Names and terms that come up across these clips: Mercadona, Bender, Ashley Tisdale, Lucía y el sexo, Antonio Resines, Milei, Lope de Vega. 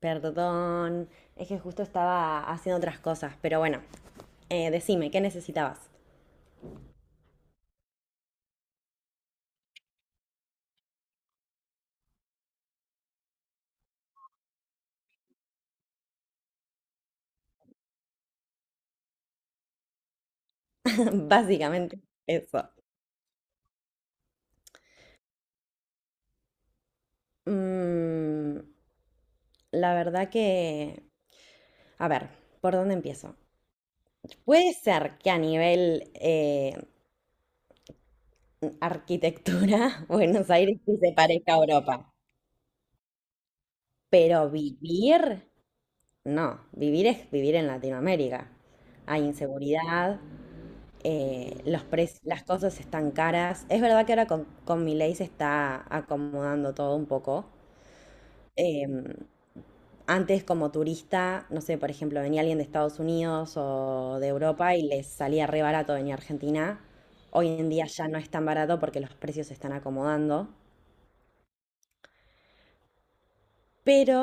Perdón, es que justo estaba haciendo otras cosas, pero bueno, decime, ¿qué necesitabas? Básicamente eso. Mm, la verdad que, a ver, ¿por dónde empiezo? Puede ser que a nivel arquitectura Buenos Aires sí se parezca a Europa, pero vivir, no, vivir es vivir en Latinoamérica. Hay inseguridad, los las cosas están caras. Es verdad que ahora con Milei se está acomodando todo un poco. Em, Antes como turista, no sé, por ejemplo, venía alguien de Estados Unidos o de Europa y les salía re barato venir a Argentina. Hoy en día ya no es tan barato porque los precios se están acomodando. Pero,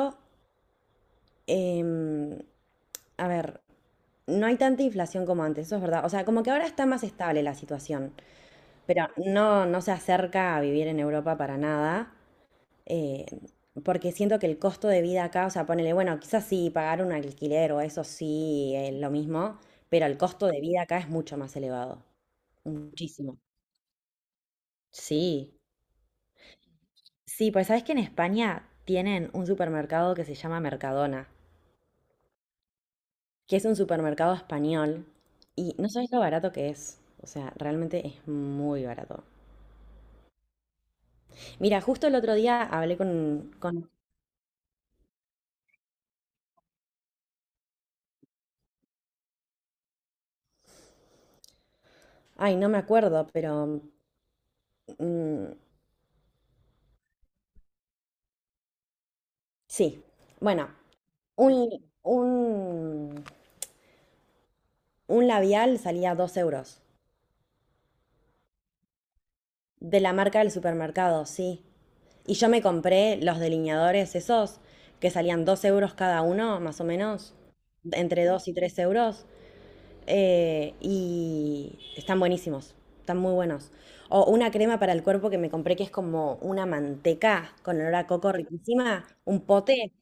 em, a ver, no hay tanta inflación como antes, eso es verdad. O sea, como que ahora está más estable la situación, pero no, no se acerca a vivir en Europa para nada, eh, porque siento que el costo de vida acá, o sea, ponele, bueno, quizás sí, pagar un alquiler o eso sí es lo mismo, pero el costo de vida acá es mucho más elevado. Muchísimo. Sí. Sí, pues sabes que en España tienen un supermercado que se llama Mercadona, que es un supermercado español y no sabes lo barato que es. O sea, realmente es muy barato. Mira, justo el otro día hablé ay, no me acuerdo, pero mm, sí, bueno, un, un, un labial salía 2 euros. De la marca del supermercado, sí. Y yo me compré los delineadores esos que salían 2 euros cada uno, más o menos, entre 2 y 3 euros. Y están buenísimos, están muy buenos. O una crema para el cuerpo que me compré que es como una manteca con olor a coco riquísima, un pote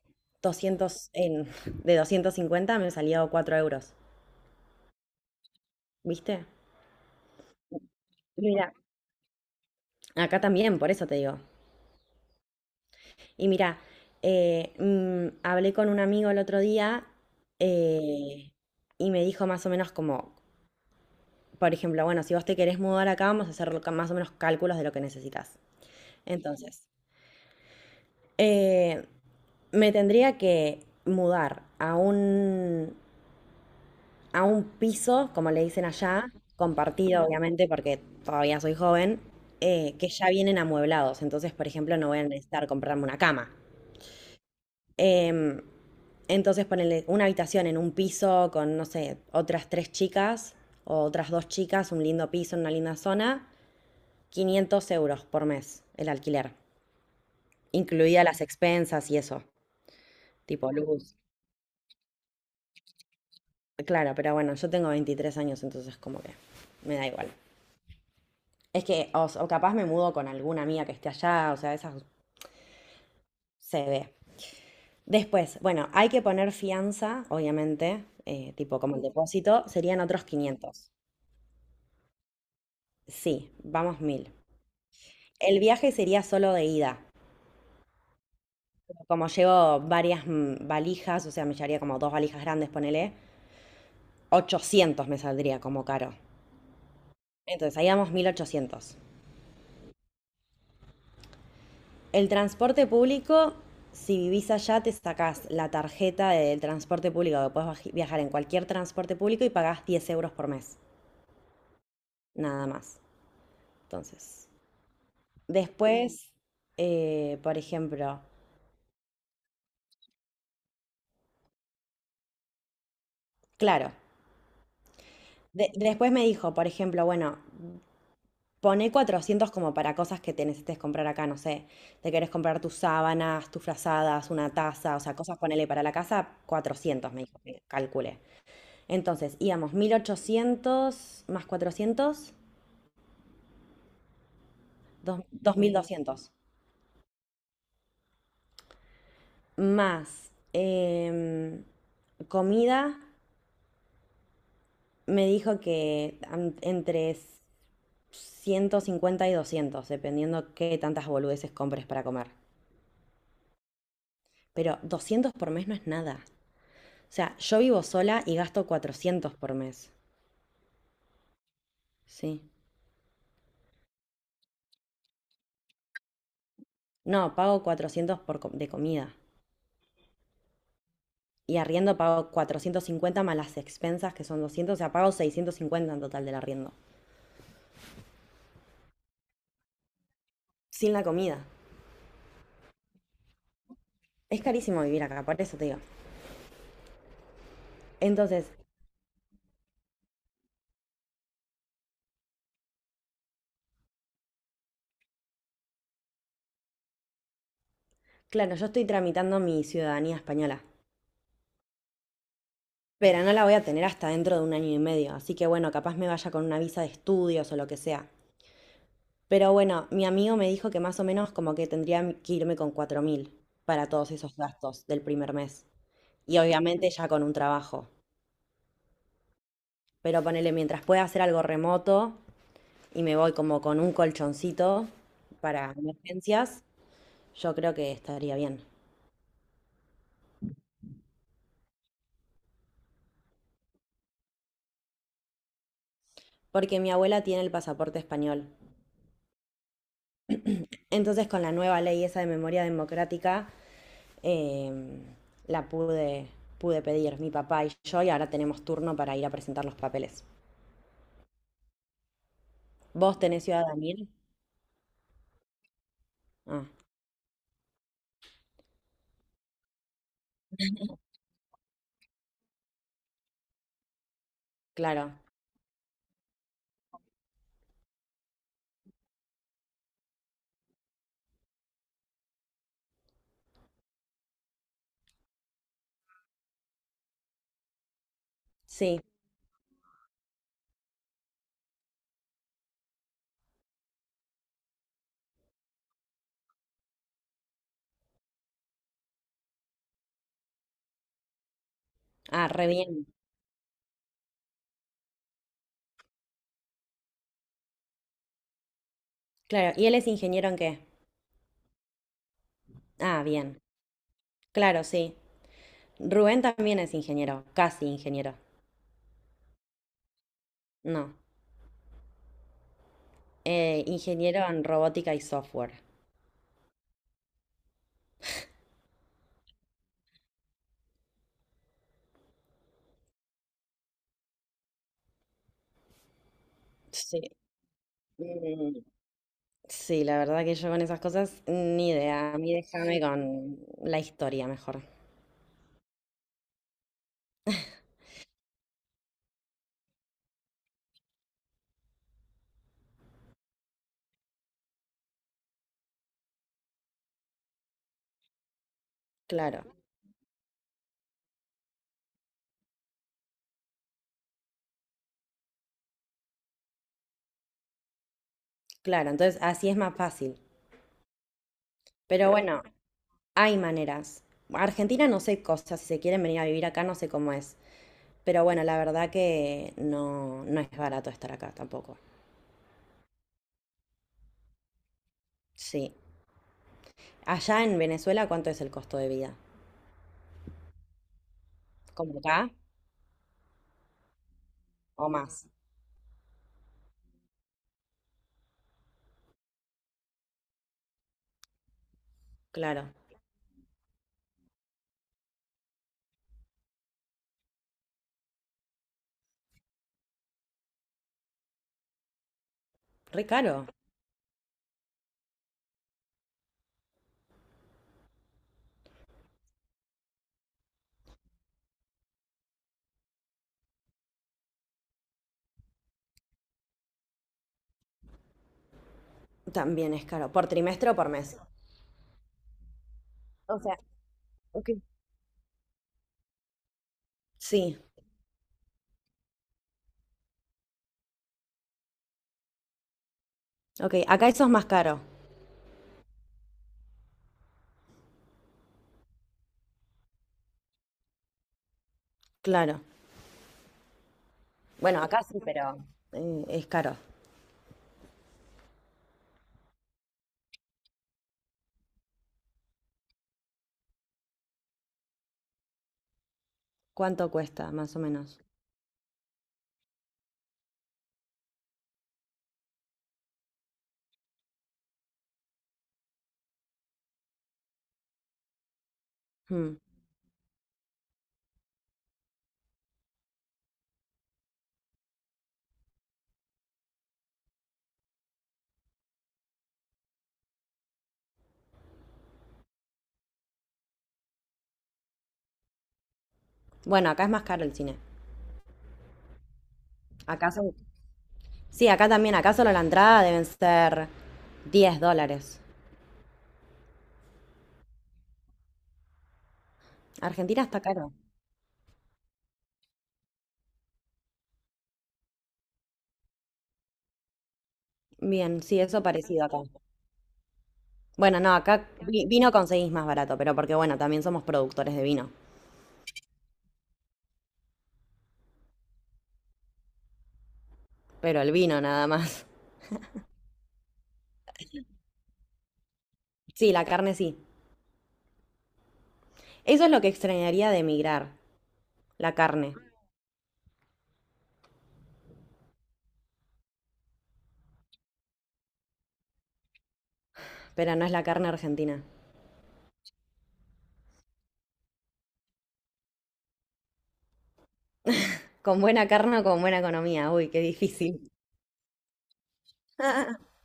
doscientos en, de 250 me salió 4 euros. ¿Viste? Mira, acá también, por eso te digo. Y mira, hablé con un amigo el otro día, eh, y me dijo más o menos como, por ejemplo, bueno, si vos te querés mudar acá, vamos a hacer más o menos cálculos de lo que necesitas. Entonces, eh, me tendría que mudar a un piso, como le dicen allá, compartido, obviamente, porque todavía soy joven, que ya vienen amueblados. Entonces, por ejemplo, no voy a necesitar comprarme una cama. Em, entonces ponerle una habitación en un piso con, no sé, otras tres chicas o otras dos chicas, un lindo piso en una linda zona, 500 euros por mes el alquiler, incluida las expensas y eso, tipo luz. Claro, pero bueno, yo tengo 23 años, entonces como que me da igual. Es que, o capaz me mudo con alguna amiga que esté allá, o sea, esa se ve. Después, bueno, hay que poner fianza, obviamente, tipo como el depósito, serían otros 500. Sí, vamos 1000. El viaje sería solo de ida. Como llevo varias valijas, o sea, me llevaría como dos valijas grandes, ponele, 800 me saldría como caro. Entonces, ahí vamos 1800. El transporte público, si vivís allá, te sacás la tarjeta del transporte público, que puedes viajar en cualquier transporte público y pagás 10 euros por mes, nada más. Entonces, después, por ejemplo, claro, después me dijo, por ejemplo, bueno, poné 400 como para cosas que te necesites comprar acá, no sé. Te querés comprar tus sábanas, tus frazadas, una taza, o sea, cosas, ponele para la casa, 400, me dijo que calcule. Entonces, íbamos 1800 más 400, 2200. Más comida, me dijo que entre 150 y 200, dependiendo qué tantas boludeces compres para comer. Pero 200 por mes no es nada. O sea, yo vivo sola y gasto 400 por mes. Sí. No, pago 400 de comida. Y arriendo pago 450 más las expensas que son 200. O sea, pago 650 en total del arriendo. Sin la comida. Es carísimo vivir acá, por eso te digo. Entonces, claro, yo estoy tramitando mi ciudadanía española. Pero no la voy a tener hasta dentro de un año y medio. Así que bueno, capaz me vaya con una visa de estudios o lo que sea. Pero bueno, mi amigo me dijo que más o menos como que tendría que irme con 4000 para todos esos gastos del primer mes. Y obviamente ya con un trabajo. Pero ponele, mientras pueda hacer algo remoto y me voy como con un colchoncito para emergencias, yo creo que estaría bien. Porque mi abuela tiene el pasaporte español. Entonces con la nueva ley esa de memoria democrática, em, la pude, pude pedir mi papá y yo y ahora tenemos turno para ir a presentar los papeles. ¿Vos tenés ciudadanía? Ah, claro. Sí. Ah, re bien. Claro. ¿Y él es ingeniero en qué? Ah, bien. Claro, sí. Rubén también es ingeniero, casi ingeniero. No. Ingeniero en robótica y software. Sí. Mm, Sí, la verdad que yo con esas cosas ni idea. A mí déjame con la historia mejor. Claro, claro. Entonces así es más fácil. Pero bueno, hay maneras. Argentina no sé cosas. Si se quieren venir a vivir acá, no sé cómo es. Pero bueno, la verdad que no, no es barato estar acá tampoco. Sí. Allá en Venezuela, ¿cuánto es el costo de vida? ¿Como acá o más? Claro. Re caro. También es caro. ¿Por trimestre o por mes? O sea, ok. Sí, ok. Acá eso es más caro. Claro. Bueno, acá sí, pero es caro. ¿Cuánto cuesta, más o menos? Hmm. Bueno, acá es más caro el cine. Acá son. Sí, acá también. Acá solo la entrada deben ser 10 dólares. Argentina está caro. Bien, sí, eso parecido acá. Bueno, no, acá vino conseguís más barato, pero porque bueno, también somos productores de vino. Pero el vino nada más. Sí, la carne sí. Eso es lo que extrañaría de emigrar, la carne. Pero no es la carne argentina. Con buena carne o con buena economía. Uy, qué difícil.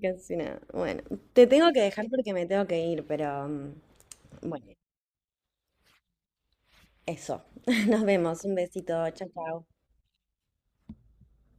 Casi nada. Bueno, te tengo que dejar porque me tengo que ir, pero bueno, eso. Nos vemos. Un besito. Chao, chao.